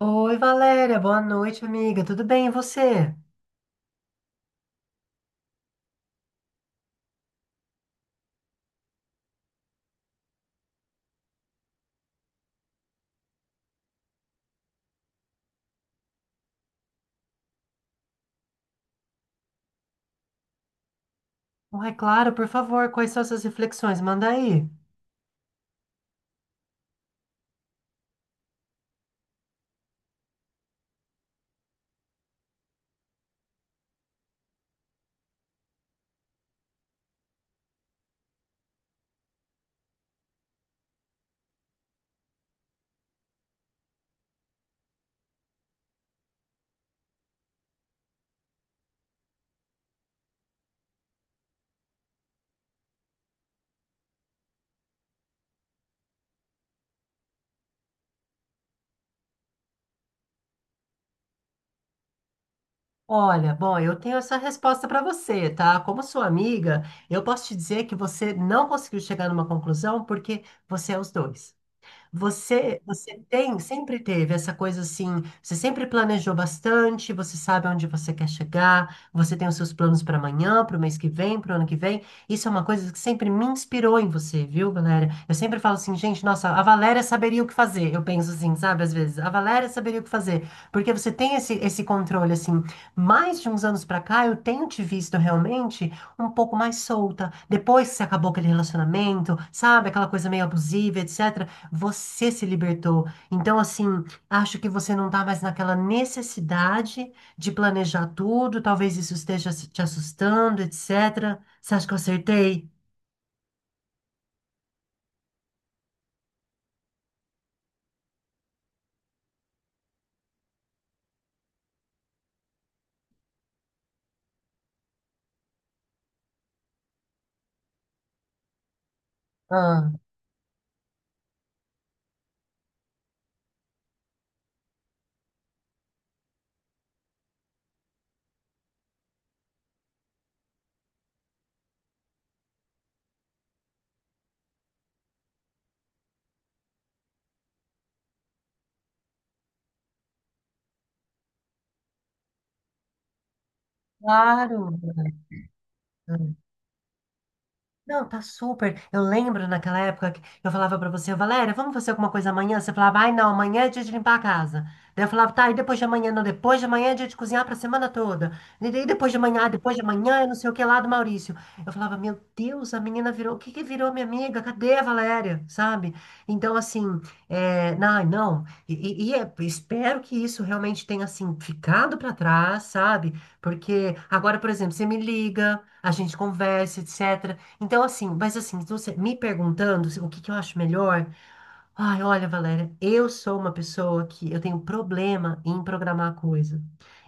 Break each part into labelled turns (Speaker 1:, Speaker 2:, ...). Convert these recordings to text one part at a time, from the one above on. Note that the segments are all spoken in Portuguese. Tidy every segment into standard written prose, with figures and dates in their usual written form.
Speaker 1: Oi, Valéria, boa noite, amiga. Tudo bem, e você? Ai, claro, por favor, quais são essas reflexões? Manda aí. Olha, bom, eu tenho essa resposta para você, tá? Como sua amiga, eu posso te dizer que você não conseguiu chegar numa conclusão porque você é os dois. Você tem, sempre teve essa coisa assim, você sempre planejou bastante, você sabe onde você quer chegar, você tem os seus planos para amanhã, para o mês que vem, para o ano que vem. Isso é uma coisa que sempre me inspirou em você, viu, Valéria? Eu sempre falo assim, gente, nossa, a Valéria saberia o que fazer. Eu penso assim, sabe, às vezes, a Valéria saberia o que fazer, porque você tem esse controle assim. Mais de uns anos para cá, eu tenho te visto realmente um pouco mais solta. Depois que você acabou aquele relacionamento, sabe, aquela coisa meio abusiva, etc. Você se libertou. Então, assim, acho que você não está mais naquela necessidade de planejar tudo. Talvez isso esteja te assustando, etc. Você acha que eu acertei? Ah, claro. Não, tá super. Eu lembro naquela época que eu falava pra você, Valéria, vamos fazer alguma coisa amanhã? Você falava, ai não, amanhã é dia de limpar a casa. Daí eu falava, tá, e depois de amanhã? Não, depois de amanhã é dia de cozinhar pra semana toda. E daí depois de amanhã, ah, depois de amanhã, eu não sei o que lá do Maurício. Eu falava, meu Deus, a menina virou, o que que virou minha amiga? Cadê a Valéria? Sabe? Então, assim, é, não. Espero que isso realmente tenha, assim, ficado pra trás, sabe? Porque agora, por exemplo, você me liga, a gente conversa, etc. Então, assim, mas assim, se você me perguntando o que que eu acho melhor, ai, olha, Valéria, eu sou uma pessoa que eu tenho problema em programar coisa.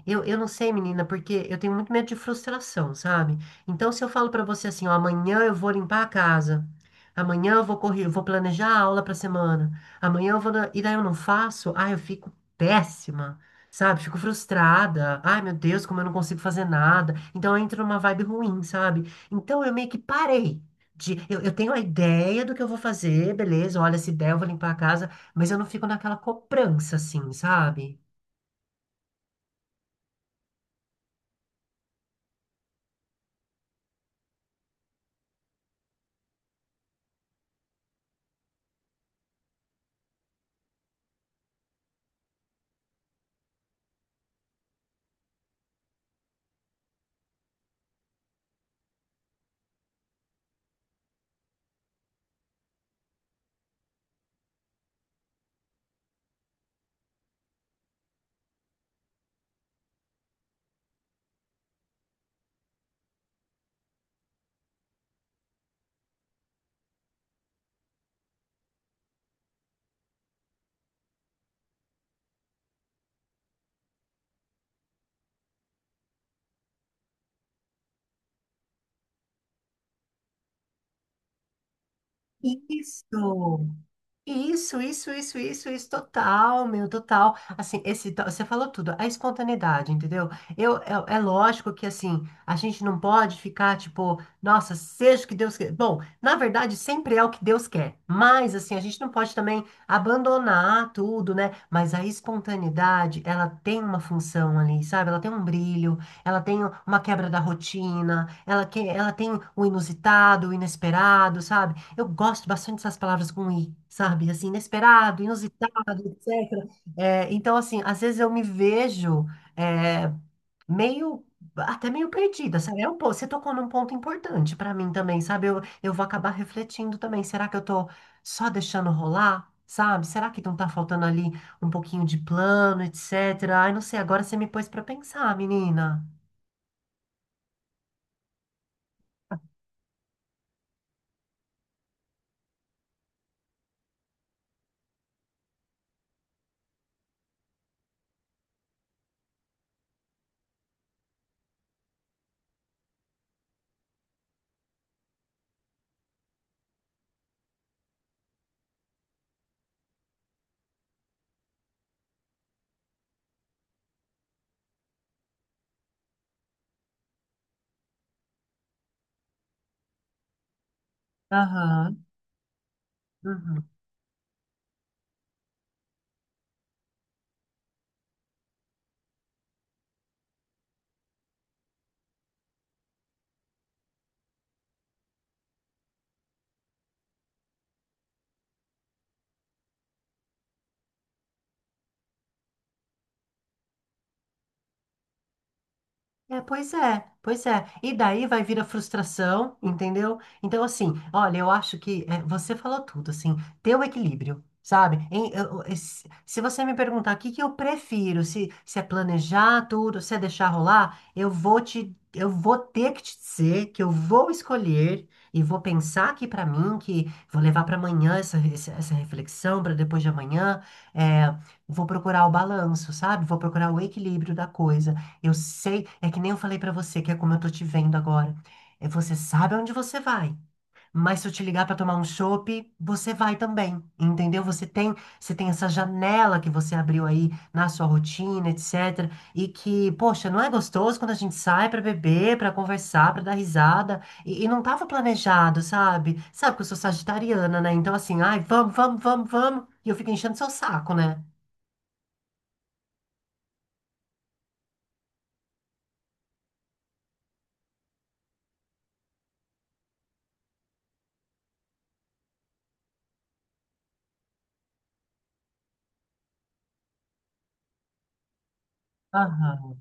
Speaker 1: Eu não sei, menina, porque eu tenho muito medo de frustração, sabe? Então, se eu falo pra você assim, ó, amanhã eu vou limpar a casa, amanhã eu vou correr, eu vou planejar a aula pra semana, amanhã e daí eu não faço, ai, eu fico péssima. Sabe, fico frustrada. Ai, meu Deus, como eu não consigo fazer nada. Então, eu entro numa vibe ruim, sabe? Então eu meio que eu tenho a ideia do que eu vou fazer, beleza, olha, se der, eu vou limpar a casa, mas eu não fico naquela cobrança, assim, sabe? Isso! Isso, total, meu, total. Assim, você falou tudo, a espontaneidade, entendeu? Eu, é lógico que, assim, a gente não pode ficar, tipo, nossa, seja o que Deus quer. Bom, na verdade, sempre é o que Deus quer, mas, assim, a gente não pode também abandonar tudo, né? Mas a espontaneidade, ela tem uma função ali, sabe? Ela tem um brilho, ela tem uma quebra da rotina, ela tem o inusitado, o inesperado, sabe? Eu gosto bastante dessas palavras com i, sabe? Assim, inesperado, inusitado, etc. É, então, assim, às vezes eu me vejo é, meio, até meio perdida, sabe? Você tocou num ponto importante para mim também, sabe? Eu vou acabar refletindo também. Será que eu tô só deixando rolar, sabe? Será que não tá faltando ali um pouquinho de plano, etc? Ai, não sei, agora você me pôs para pensar, menina. Aham. Uhum. É, pois é, pois é. E daí vai vir a frustração, entendeu? Então, assim, olha, eu acho que é, você falou tudo, assim, ter o equilíbrio, sabe? Se você me perguntar o que que eu prefiro, se é planejar tudo, se é deixar rolar, eu vou ter que te dizer que eu vou escolher e vou pensar aqui pra mim, que vou levar pra amanhã essa reflexão, pra depois de amanhã, é, vou procurar o balanço, sabe? Vou procurar o equilíbrio da coisa. Eu sei, é que nem eu falei pra você, que é como eu tô te vendo agora. É, você sabe aonde você vai, mas se eu te ligar pra tomar um chopp, você vai também, entendeu? Você tem essa janela que você abriu aí na sua rotina, etc. E que, poxa, não é gostoso quando a gente sai pra beber, pra conversar, pra dar risada. E não tava planejado, sabe? Sabe que eu sou sagitariana, né? Então assim, ai, vamos, vamos, vamos, vamos. E eu fico enchendo seu saco, né? Aham.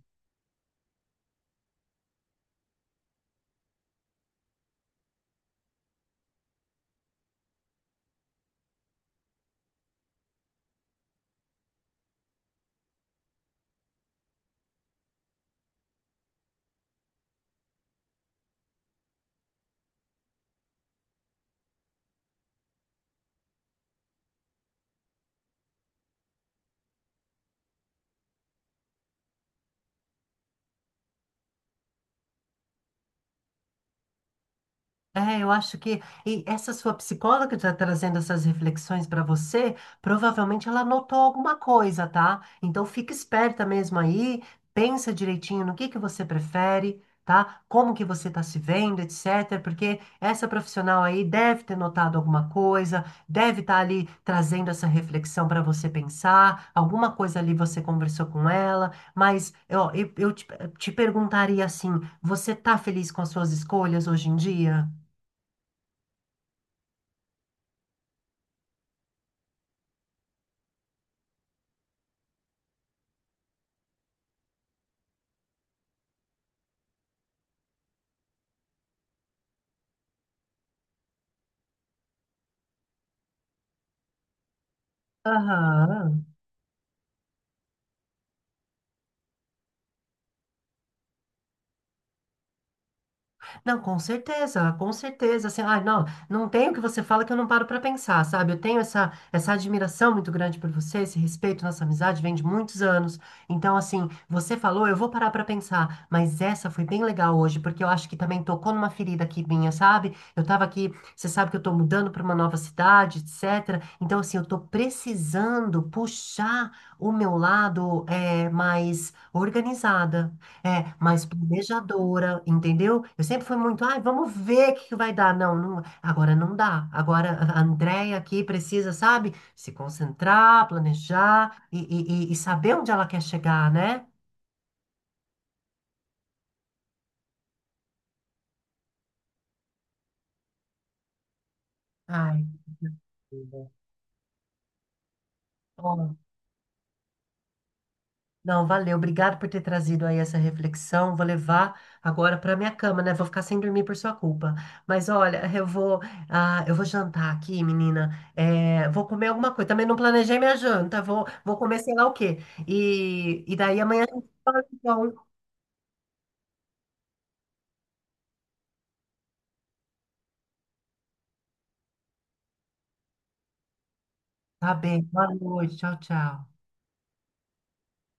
Speaker 1: É, eu acho que e essa sua psicóloga que está trazendo essas reflexões para você, provavelmente ela notou alguma coisa, tá? Então fica esperta mesmo aí, pensa direitinho no que você prefere, tá? Como que você está se vendo, etc. Porque essa profissional aí deve ter notado alguma coisa, deve estar ali trazendo essa reflexão para você pensar, alguma coisa ali você conversou com ela, mas ó, te perguntaria assim, você tá feliz com as suas escolhas hoje em dia? Aham. Não, com certeza, com certeza. Assim, ai, não, não tem o que você fala que eu não paro para pensar, sabe? Eu tenho essa admiração muito grande por você, esse respeito, nossa amizade vem de muitos anos. Então, assim, você falou, eu vou parar para pensar, mas essa foi bem legal hoje, porque eu acho que também tocou numa ferida aqui minha, sabe? Eu tava aqui, você sabe que eu tô mudando para uma nova cidade, etc. Então, assim, eu tô precisando puxar o meu lado é, mais organizada. É, mais planejadora, entendeu? Eu sempre fui muito, ai, vamos ver o que que vai dar. Não, não, agora não dá. Agora a Andréia aqui precisa, sabe, se concentrar, planejar e saber onde ela quer chegar, né? Ai, ó, não, valeu. Obrigado por ter trazido aí essa reflexão. Vou levar agora para minha cama, né? Vou ficar sem dormir por sua culpa. Mas olha, eu vou jantar aqui, menina. É, vou comer alguma coisa. Também não planejei minha janta. Vou comer sei lá o quê. E daí amanhã a gente fala, então. Tá bem. Boa noite. Tchau, tchau.